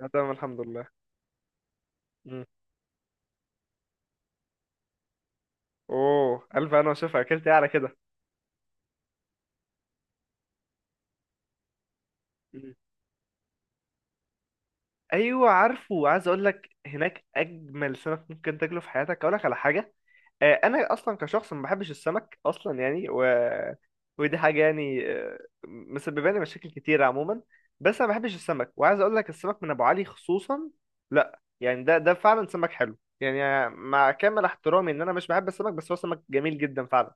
أنا تمام الحمد لله. مم. اوه الف انا، وشوف اكلت ايه على كده. مم. ايوه عارفه، عايز اقول لك هناك اجمل سمك ممكن تاكله في حياتك. اقول لك على حاجه. انا اصلا كشخص ما بحبش السمك اصلا يعني ودي حاجه مسببه لي مشاكل كتيره عموما. بس انا ما بحبش السمك، وعايز اقول لك السمك من ابو علي خصوصا. لا يعني ده فعلا سمك حلو يعني، مع كامل احترامي ان انا مش بحب السمك، بس هو سمك جميل جدا فعلا.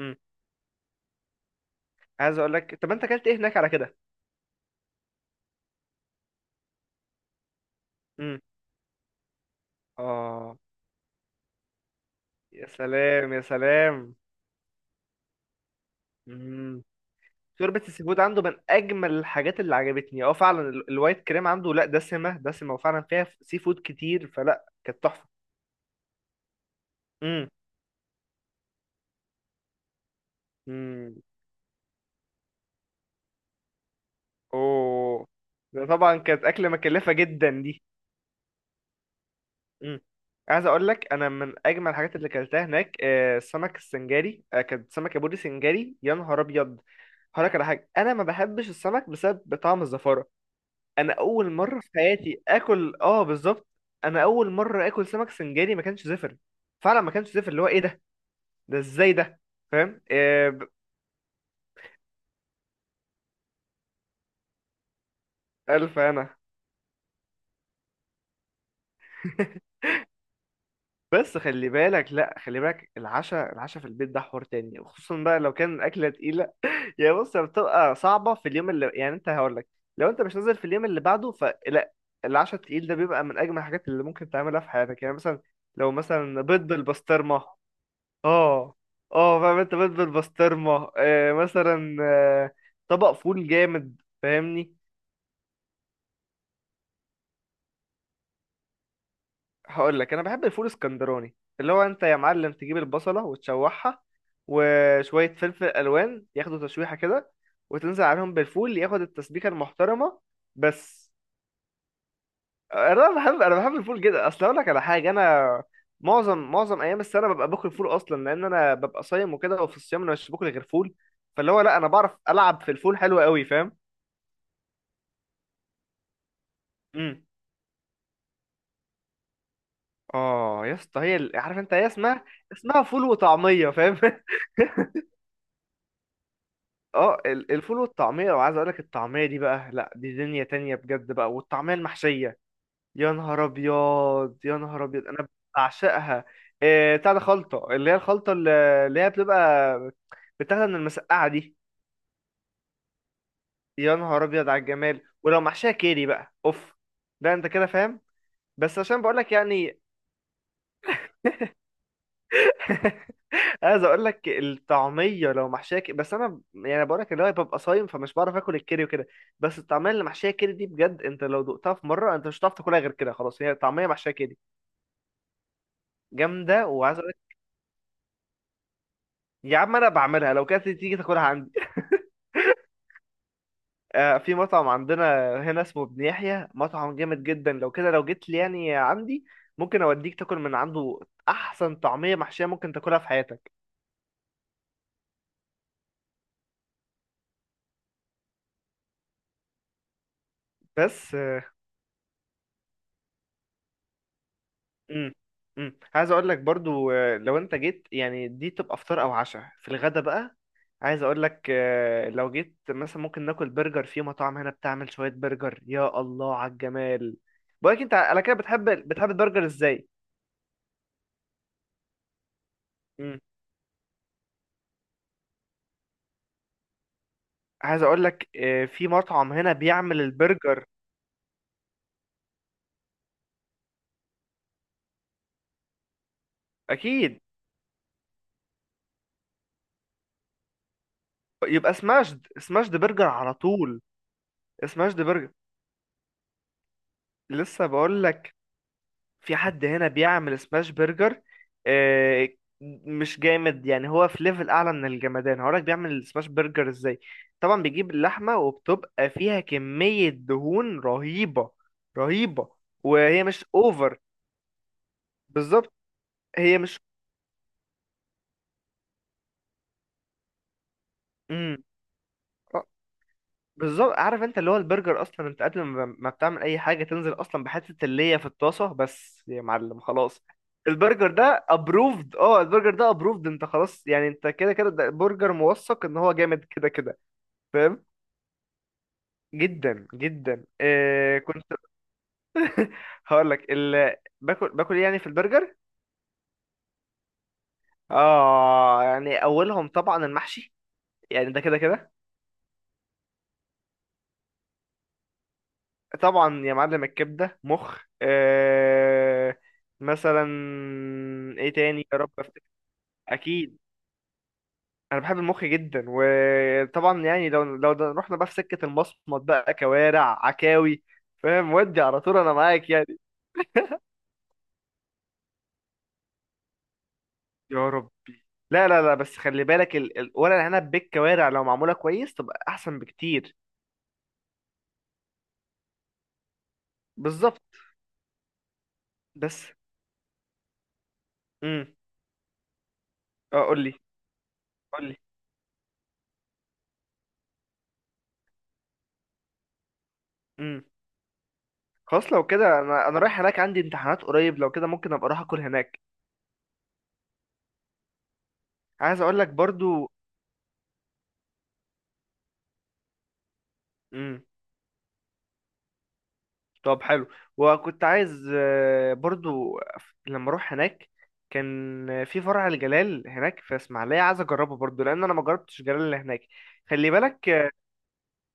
امم. عايز اقول لك، طب انت اكلت ايه هناك على كده؟ اه، يا سلام يا سلام. مم. شوربة السي فود عنده من أجمل الحاجات اللي عجبتني، اه فعلا الوايت كريم عنده لا دسمة دسمة، وفعلا فيها سي فود كتير، فلا كانت تحفة. مم. مم. اوه. ده طبعا كانت أكلة مكلفة جدا دي. مم. عايز أقول لك، أنا من أجمل الحاجات اللي أكلتها هناك السمك السنجاري، كانت سمكة بوري سنجاري، يا نهار أبيض. هقولك على حاجة، أنا ما بحبش السمك بسبب طعم الزفارة. انا اول مره في حياتي اكل، اه بالظبط. انا اول مره اكل سمك سنجاري ما كانش زفر. فعلا ما كانش زفر، اللي هو ايه ده؟ ده ازاي ده؟ فاهم إيه؟ الف انا. بس خلي بالك، لا خلي بالك، العشاء العشاء في البيت ده حوار تاني، وخصوصا بقى لو كان الاكله تقيله. يعني بص، هي بتبقى صعبه في اليوم اللي، يعني انت هقول لك، لو انت مش نازل في اليوم اللي بعده فلا، العشاء التقيل ده بيبقى من اجمل الحاجات اللي ممكن تعملها في حياتك. يعني مثلا لو مثلا بيض بالبسطرمه. اه اه، فاهم انت، بيت بالبسطرمه آه، مثلا آه. طبق فول جامد، فاهمني. هقول لك، انا بحب الفول اسكندراني، اللي هو انت يا معلم تجيب البصله وتشوحها، وشويه فلفل الوان ياخدوا تشويحه كده، وتنزل عليهم بالفول ياخد التسبيكه المحترمه. بس انا بحب الفول جدا. اصل اقول لك على حاجه، انا معظم ايام السنه ببقى باكل فول اصلا، لان انا ببقى صايم وكده، وفي الصيام انا مش باكل غير فول. فاللي هو لا، انا بعرف العب في الفول حلو قوي، فاهم. امم. اه يا اسطى، عارف انت هي اسمها، اسمها فول وطعميه، فاهم. اه الفول والطعميه، وعايز اقول لك الطعميه دي بقى، لا دي دنيا تانية بجد بقى، والطعميه المحشيه، يا نهار ابيض يا نهار ابيض، انا بعشقها. إيه بتاع ده، خلطه، اللي هي الخلطه اللي هي بتبقى بتاخدها من المسقعه دي. يا نهار ابيض على الجمال، ولو محشيه كيري بقى اوف، ده انت كده فاهم. بس عشان بقول لك يعني، عايز اقول لك الطعميه لو بس انا يعني بقول لك اللي هو ببقى صايم، فمش بعرف اكل الكيري وكده. بس الطعميه اللي محشيه كيري دي، بجد انت لو دقتها في مره، انت مش هتعرف تاكلها غير كده، خلاص، هي طعميه محشيه كيري. جامده، وعايز اقول لك، يا عم انا بعملها لو كانت تيجي تاكلها عندي. آه، في مطعم عندنا هنا اسمه ابن يحيى، مطعم جامد جدا، لو كده لو جيت لي يعني عندي، ممكن اوديك تاكل من عنده، احسن طعميه محشيه ممكن تاكلها في حياتك. بس. امم. امم. عايز اقول لك برضو، لو انت جيت يعني دي تبقى فطار او عشاء في الغدا بقى. عايز اقول لك، لو جيت مثلا ممكن ناكل برجر، في مطاعم هنا بتعمل شوية برجر يا الله على الجمال. بقولك انت على كده، بتحب بتحب البرجر ازاي؟ امم. عايز اقول لك، في مطعم هنا بيعمل البرجر. اكيد يبقى سماشد سماشد برجر على طول. سماشد برجر، لسه بقول لك، في حد هنا بيعمل سماش برجر، آه، مش جامد يعني، هو في ليفل اعلى من الجمدان. هقولك بيعمل السماش برجر ازاي، طبعا بيجيب اللحمه وبتبقى فيها كميه دهون رهيبه رهيبه، وهي مش اوفر. بالظبط. هي مش مم. بالظبط، عارف انت، اللي هو البرجر اصلا، انت قبل ما بتعمل اي حاجه تنزل اصلا بحته اللية في الطاسه بس يا معلم، خلاص، البرجر ده ابروفد. اه البرجر ده ابروفد، انت خلاص يعني، انت كده كده ده برجر موثق ان هو جامد كده كده، فاهم. جدا جدا. إيه كنت؟ هقول لك باكل إيه يعني في البرجر. اه، يعني اولهم طبعا المحشي، يعني ده كده كده. طبعا يا معلم، الكبده، مخ، إيه مثلا، ايه تاني يا رب، اكيد. انا بحب المخ جدا، وطبعا يعني لو رحنا بقى في سكه المصمت بقى كوارع عكاوي، فاهم، ودي على طول انا معاك يعني. يا ربي. لا لا لا، بس خلي بالك ورق العنب بالكوارع لو معموله كويس تبقى احسن بكتير. بالظبط. بس. امم. اه قول لي قول لي. امم. خلاص لو كده، انا رايح هناك عندي امتحانات قريب، لو كده ممكن ابقى اروح اكل هناك. عايز اقول لك برضو. مم. طب حلو. وكنت عايز برضو لما اروح هناك، كان في فرع الجلال هناك في اسماعيليه عايز اجربه برضو، لان انا ما جربتش الجلال اللي هناك. خلي بالك،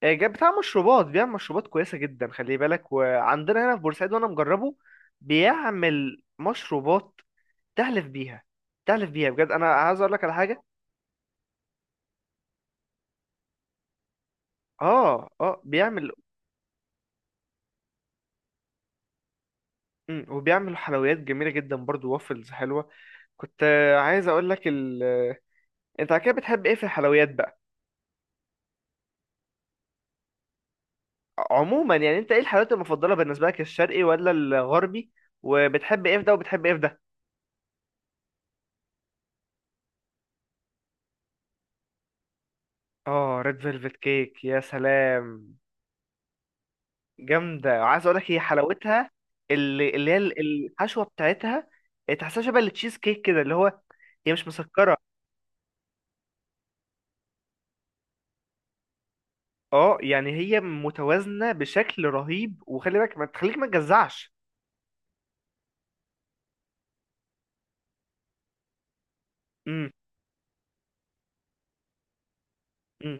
جاب بتاع مشروبات بيعمل مشروبات كويسه جدا، خلي بالك، وعندنا هنا في بورسعيد وانا مجربه. بيعمل مشروبات تحلف بيها، تحلف بيها بجد. انا عايز اقول لك على حاجه. اه اه بيعمل. وبيعمل حلويات جميله جدا برضو، وافلز حلوه. كنت عايز اقول لك، انت على كده بتحب ايه في الحلويات بقى، عموما يعني، انت ايه الحلويات المفضله بالنسبه لك، الشرقي ولا الغربي؟ وبتحب ايه في ده، وبتحب ايه في ده؟ اه، ريد فيلفت كيك، يا سلام. جامده، وعايز اقول لك هي حلاوتها، اللي الحشوه بتاعتها تحسها شبه التشيز كيك كده، اللي هو هي مش مسكره. اه يعني هي متوازنه بشكل رهيب، وخلي بالك ما تخليك ما تجزعش. امم. امم.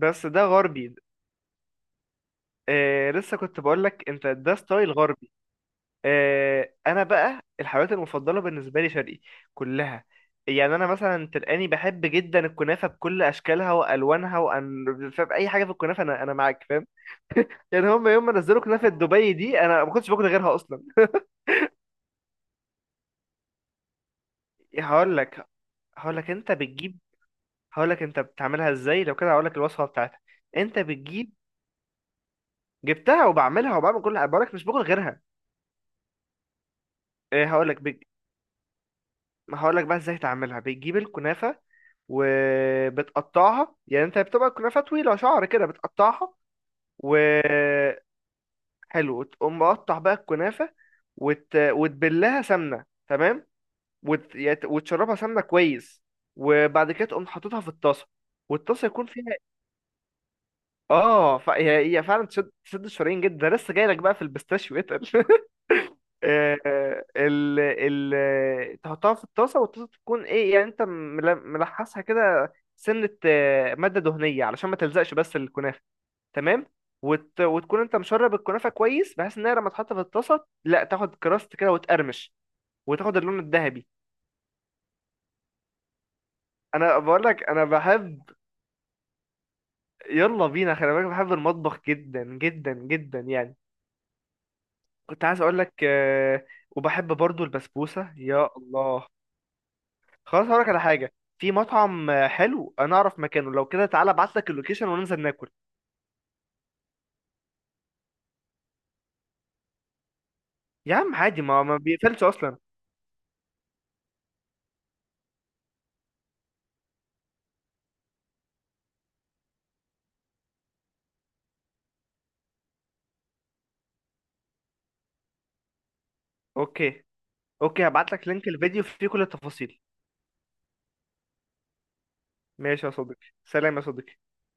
بس ده غربي. آه، لسه كنت بقول لك انت ده ستايل غربي. انا بقى الحلويات المفضله بالنسبه لي شرقي كلها، يعني انا مثلا تلقاني بحب جدا الكنافه بكل اشكالها والوانها، وان فاهم اي حاجه في الكنافه، انا معاك فاهم. يعني هم يوم ما نزلوا كنافه دبي دي، انا ما كنتش باكل غيرها اصلا. هقول لك، هقول لك انت بتجيب هقول لك انت بتعملها ازاي، لو كده هقول لك الوصفه بتاعتها. انت بتجيب، جبتها وبعملها، وبعمل كل، بقول لك مش باكل غيرها. هقول لك، ما هقولك بقى ازاي تعملها. بتجيب الكنافة وبتقطعها، يعني انت بتبقى الكنافة طويلة شعر كده بتقطعها وحلو. تقوم مقطع بقى الكنافة، وتبلها سمنة، تمام، وتشربها سمنة كويس، وبعد كده تقوم حاططها في الطاسة، والطاسة يكون فيها اه هي هي فعلا تشد تشد الشرايين جدا، ده لسه جايلك بقى في البيستاشيو اتقل. آه، ال ال تحطها في الطاسة، والطاسة تكون ايه يعني، انت ملحسها كده سنة مادة دهنية علشان ما تلزقش بس الكنافة، تمام، وتكون انت مشرب الكنافة كويس بحيث انها لما تحط في الطاسة لا تاخد كراست كده وتقرمش، وتاخد اللون الذهبي. انا بقول لك انا بحب، يلا بينا، خلي بالك بحب المطبخ جدا جدا جدا يعني. كنت عايز اقول لك، وبحب برضو البسبوسة، يا الله. خلاص هقولك على حاجة، في مطعم حلو انا اعرف مكانه، لو كده تعالى ابعتلك اللوكيشن وننزل ناكل. يا عم عادي، ما بيقفلش اصلا. اوكي. اوكي، هبعتلك لينك الفيديو فيه كل التفاصيل. ماشي يا صديقي، سلام يا صديقي.